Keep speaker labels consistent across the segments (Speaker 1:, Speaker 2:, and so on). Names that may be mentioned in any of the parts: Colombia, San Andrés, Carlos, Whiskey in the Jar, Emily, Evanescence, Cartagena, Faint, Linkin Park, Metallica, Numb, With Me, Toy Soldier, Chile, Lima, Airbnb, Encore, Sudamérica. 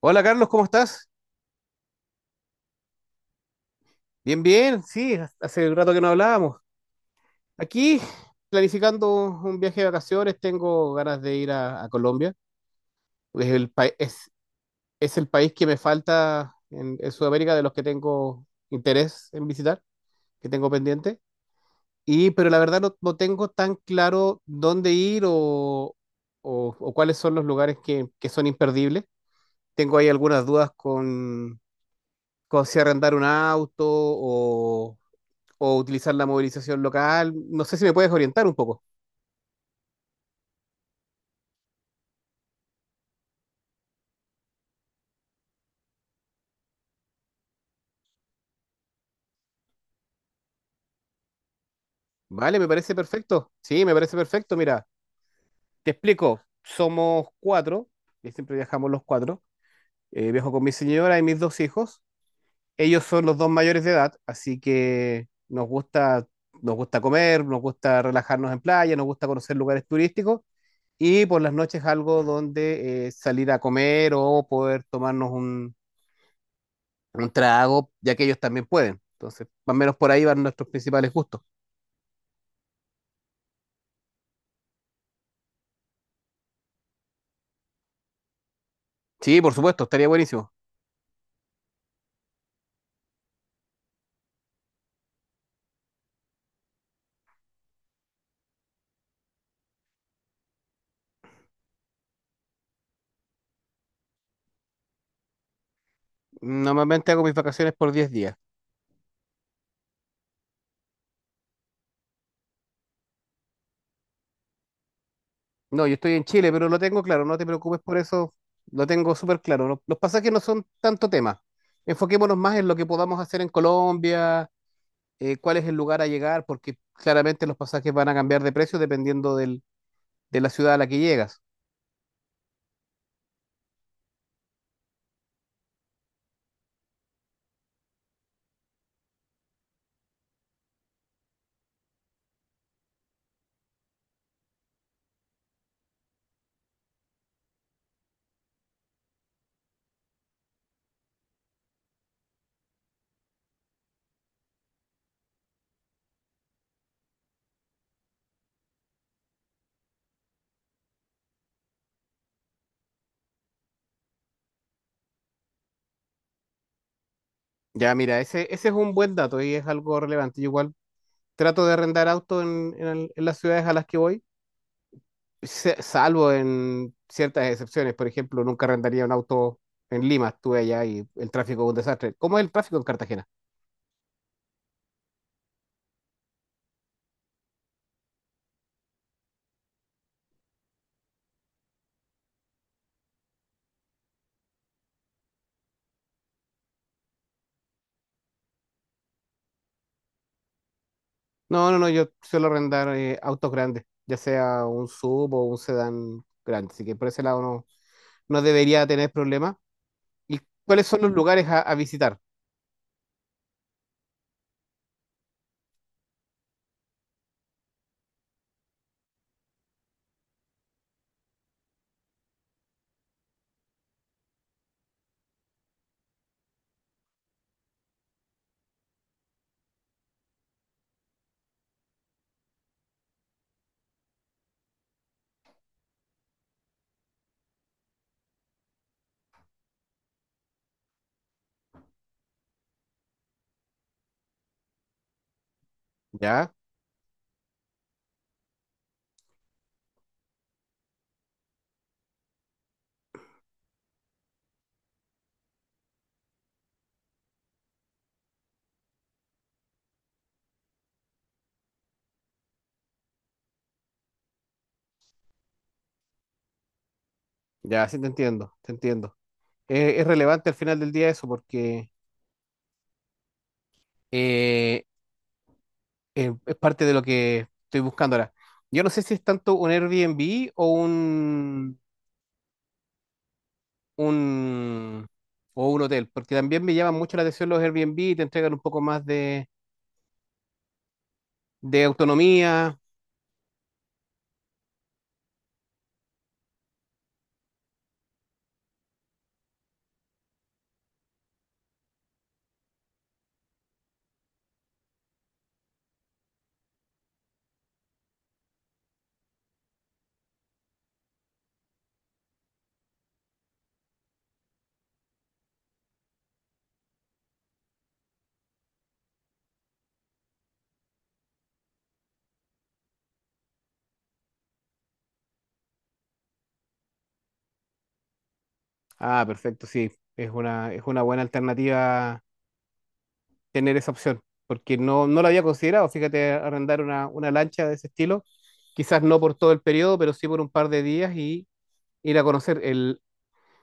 Speaker 1: Hola Carlos, ¿cómo estás? Bien, bien, sí, hace rato que no hablábamos. Aquí, planificando un viaje de vacaciones, tengo ganas de ir a Colombia. Es el, pa- es, es el país que me falta en Sudamérica de los que tengo interés en visitar, que tengo pendiente. Y, pero la verdad no tengo tan claro dónde ir o cuáles son los lugares que son imperdibles. Tengo ahí algunas dudas con si arrendar un auto o utilizar la movilización local. No sé si me puedes orientar un poco. Vale, me parece perfecto. Sí, me parece perfecto. Mira, te explico. Somos cuatro, y siempre viajamos los cuatro. Viajo con mi señora y mis dos hijos. Ellos son los dos mayores de edad, así que nos nos gusta comer, nos gusta relajarnos en playa, nos gusta conocer lugares turísticos y por las noches algo donde salir a comer o poder tomarnos un trago, ya que ellos también pueden. Entonces, más o menos por ahí van nuestros principales gustos. Sí, por supuesto, estaría buenísimo. Normalmente hago mis vacaciones por 10 días. No, yo estoy en Chile, pero lo tengo claro, no te preocupes por eso, lo tengo súper claro. Los pasajes no son tanto tema. Enfoquémonos más en lo que podamos hacer en Colombia, cuál es el lugar a llegar, porque claramente los pasajes van a cambiar de precio dependiendo de la ciudad a la que llegas. Ya, mira, ese es un buen dato y es algo relevante. Yo igual trato de arrendar auto en las ciudades a las que voy salvo en ciertas excepciones. Por ejemplo, nunca arrendaría un auto en Lima, estuve allá y el tráfico es un desastre. ¿Cómo es el tráfico en Cartagena? No, no, no, yo suelo arrendar autos grandes, ya sea un sub o un sedán grande, así que por ese lado no debería tener problemas. ¿Y cuáles son los lugares a visitar? Ya, ya, sí te entiendo, te entiendo. Es relevante al final del día eso porque eh, es parte de lo que estoy buscando ahora. Yo no sé si es tanto un Airbnb o un, o un hotel, porque también me llaman mucho la atención los Airbnb, te entregan un poco más de autonomía. Ah, perfecto, sí, es es una buena alternativa tener esa opción, porque no la había considerado, fíjate, arrendar una lancha de ese estilo, quizás no por todo el periodo, pero sí por un par de días y ir a conocer el...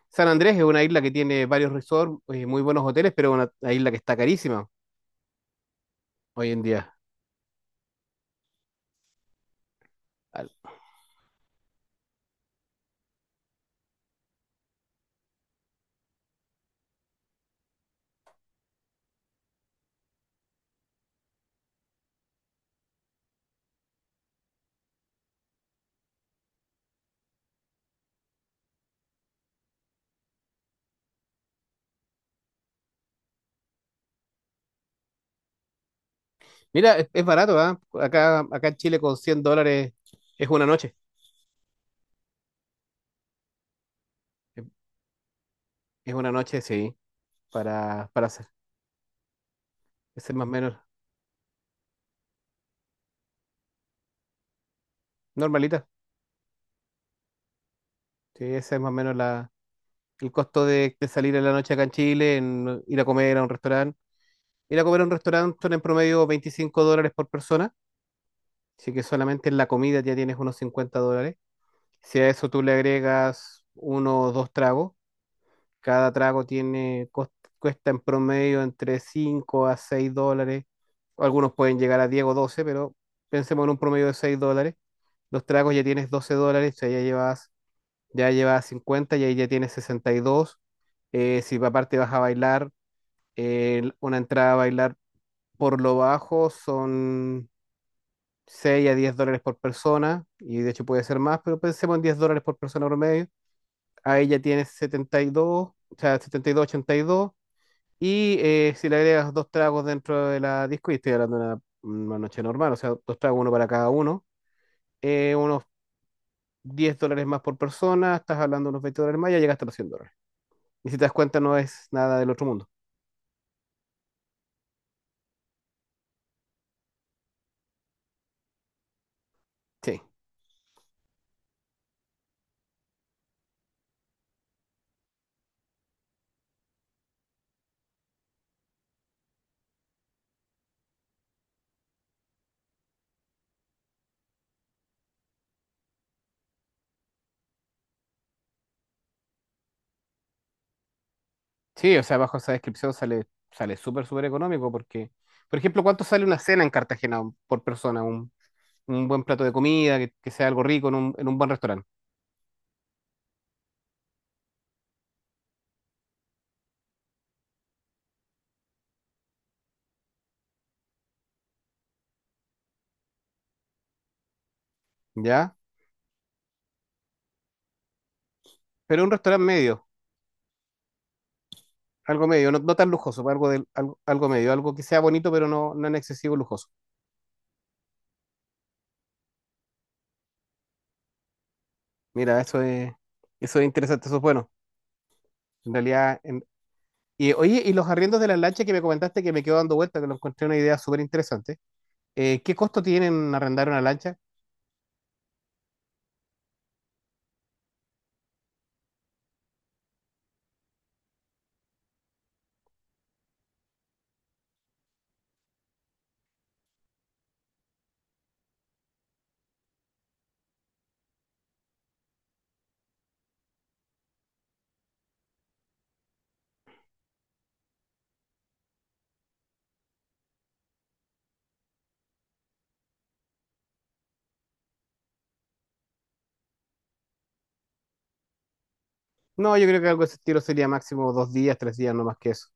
Speaker 1: San Andrés es una isla que tiene varios resorts, muy buenos hoteles, pero una isla que está carísima hoy en día. Mira, es barato, ¿ah? Acá, acá en Chile con 100 dólares es una noche. Es es una noche, sí, para hacer. Ese es más o menos, normalita. Sí, ese es más o menos el costo de salir en la noche acá en Chile, en ir a comer a un restaurante. Ir a comer a un restaurante son en promedio 25 dólares por persona. Así que solamente en la comida ya tienes unos 50 dólares. Si a eso tú le agregas uno o dos tragos, cada trago cuesta en promedio entre 5 a 6 dólares. Algunos pueden llegar a 10 o 12, pero pensemos en un promedio de 6 dólares. Los tragos ya tienes 12 dólares, o sea, ya llevas 50 y ahí ya tienes 62. Si aparte vas a bailar, una entrada a bailar por lo bajo son 6 a 10 dólares por persona, y de hecho puede ser más, pero pensemos en $10 por persona promedio. Ahí ya tienes setenta y dos, o sea, setenta y dos, ochenta y dos. Y si le agregas dos tragos dentro de la disco, y estoy hablando de una noche normal, o sea, dos tragos, uno para cada uno, unos 10 dólares más por persona, estás hablando de unos 20 dólares más, ya llegaste a los 100 dólares. Y si te das cuenta, no es nada del otro mundo. Sí, sí, o sea, bajo esa descripción sale súper, súper económico, porque, por ejemplo, ¿cuánto sale una cena en Cartagena por persona? Un buen plato de comida, que sea algo rico en un buen restaurante, ¿ya? Pero un restaurante medio, algo medio, no tan lujoso, pues, algo medio, algo que sea bonito, pero no en excesivo lujoso. Mira, eso eso es interesante, eso es bueno. En realidad, y oye, y los arriendos de las lanchas que me comentaste, que me quedó dando vuelta, que lo encontré una idea súper interesante. ¿Qué costo tienen arrendar una lancha? No, yo creo que algo de ese estilo sería máximo dos días, tres días, no más que eso.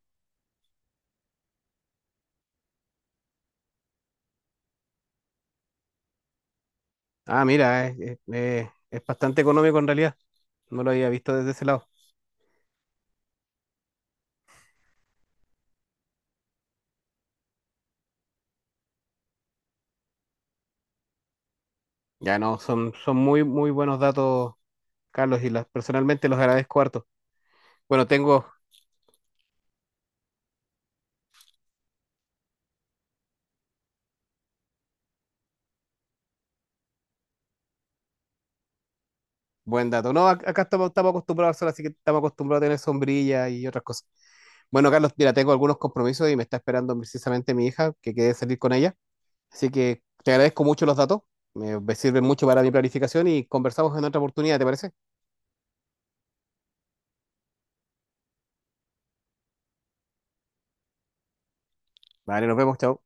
Speaker 1: Ah, mira, es bastante económico en realidad. No lo había visto desde ese lado. Ya no, son muy, muy buenos datos, Carlos, y las, personalmente los agradezco harto. Bueno, tengo... Buen dato. No, acá estamos acostumbrados al sol, así que estamos acostumbrados a tener sombrilla y otras cosas. Bueno, Carlos, mira, tengo algunos compromisos y me está esperando precisamente mi hija, que quede salir con ella. Así que te agradezco mucho los datos. Me sirven mucho para mi planificación y conversamos en otra oportunidad, ¿te parece? Vale, nos vemos, chao.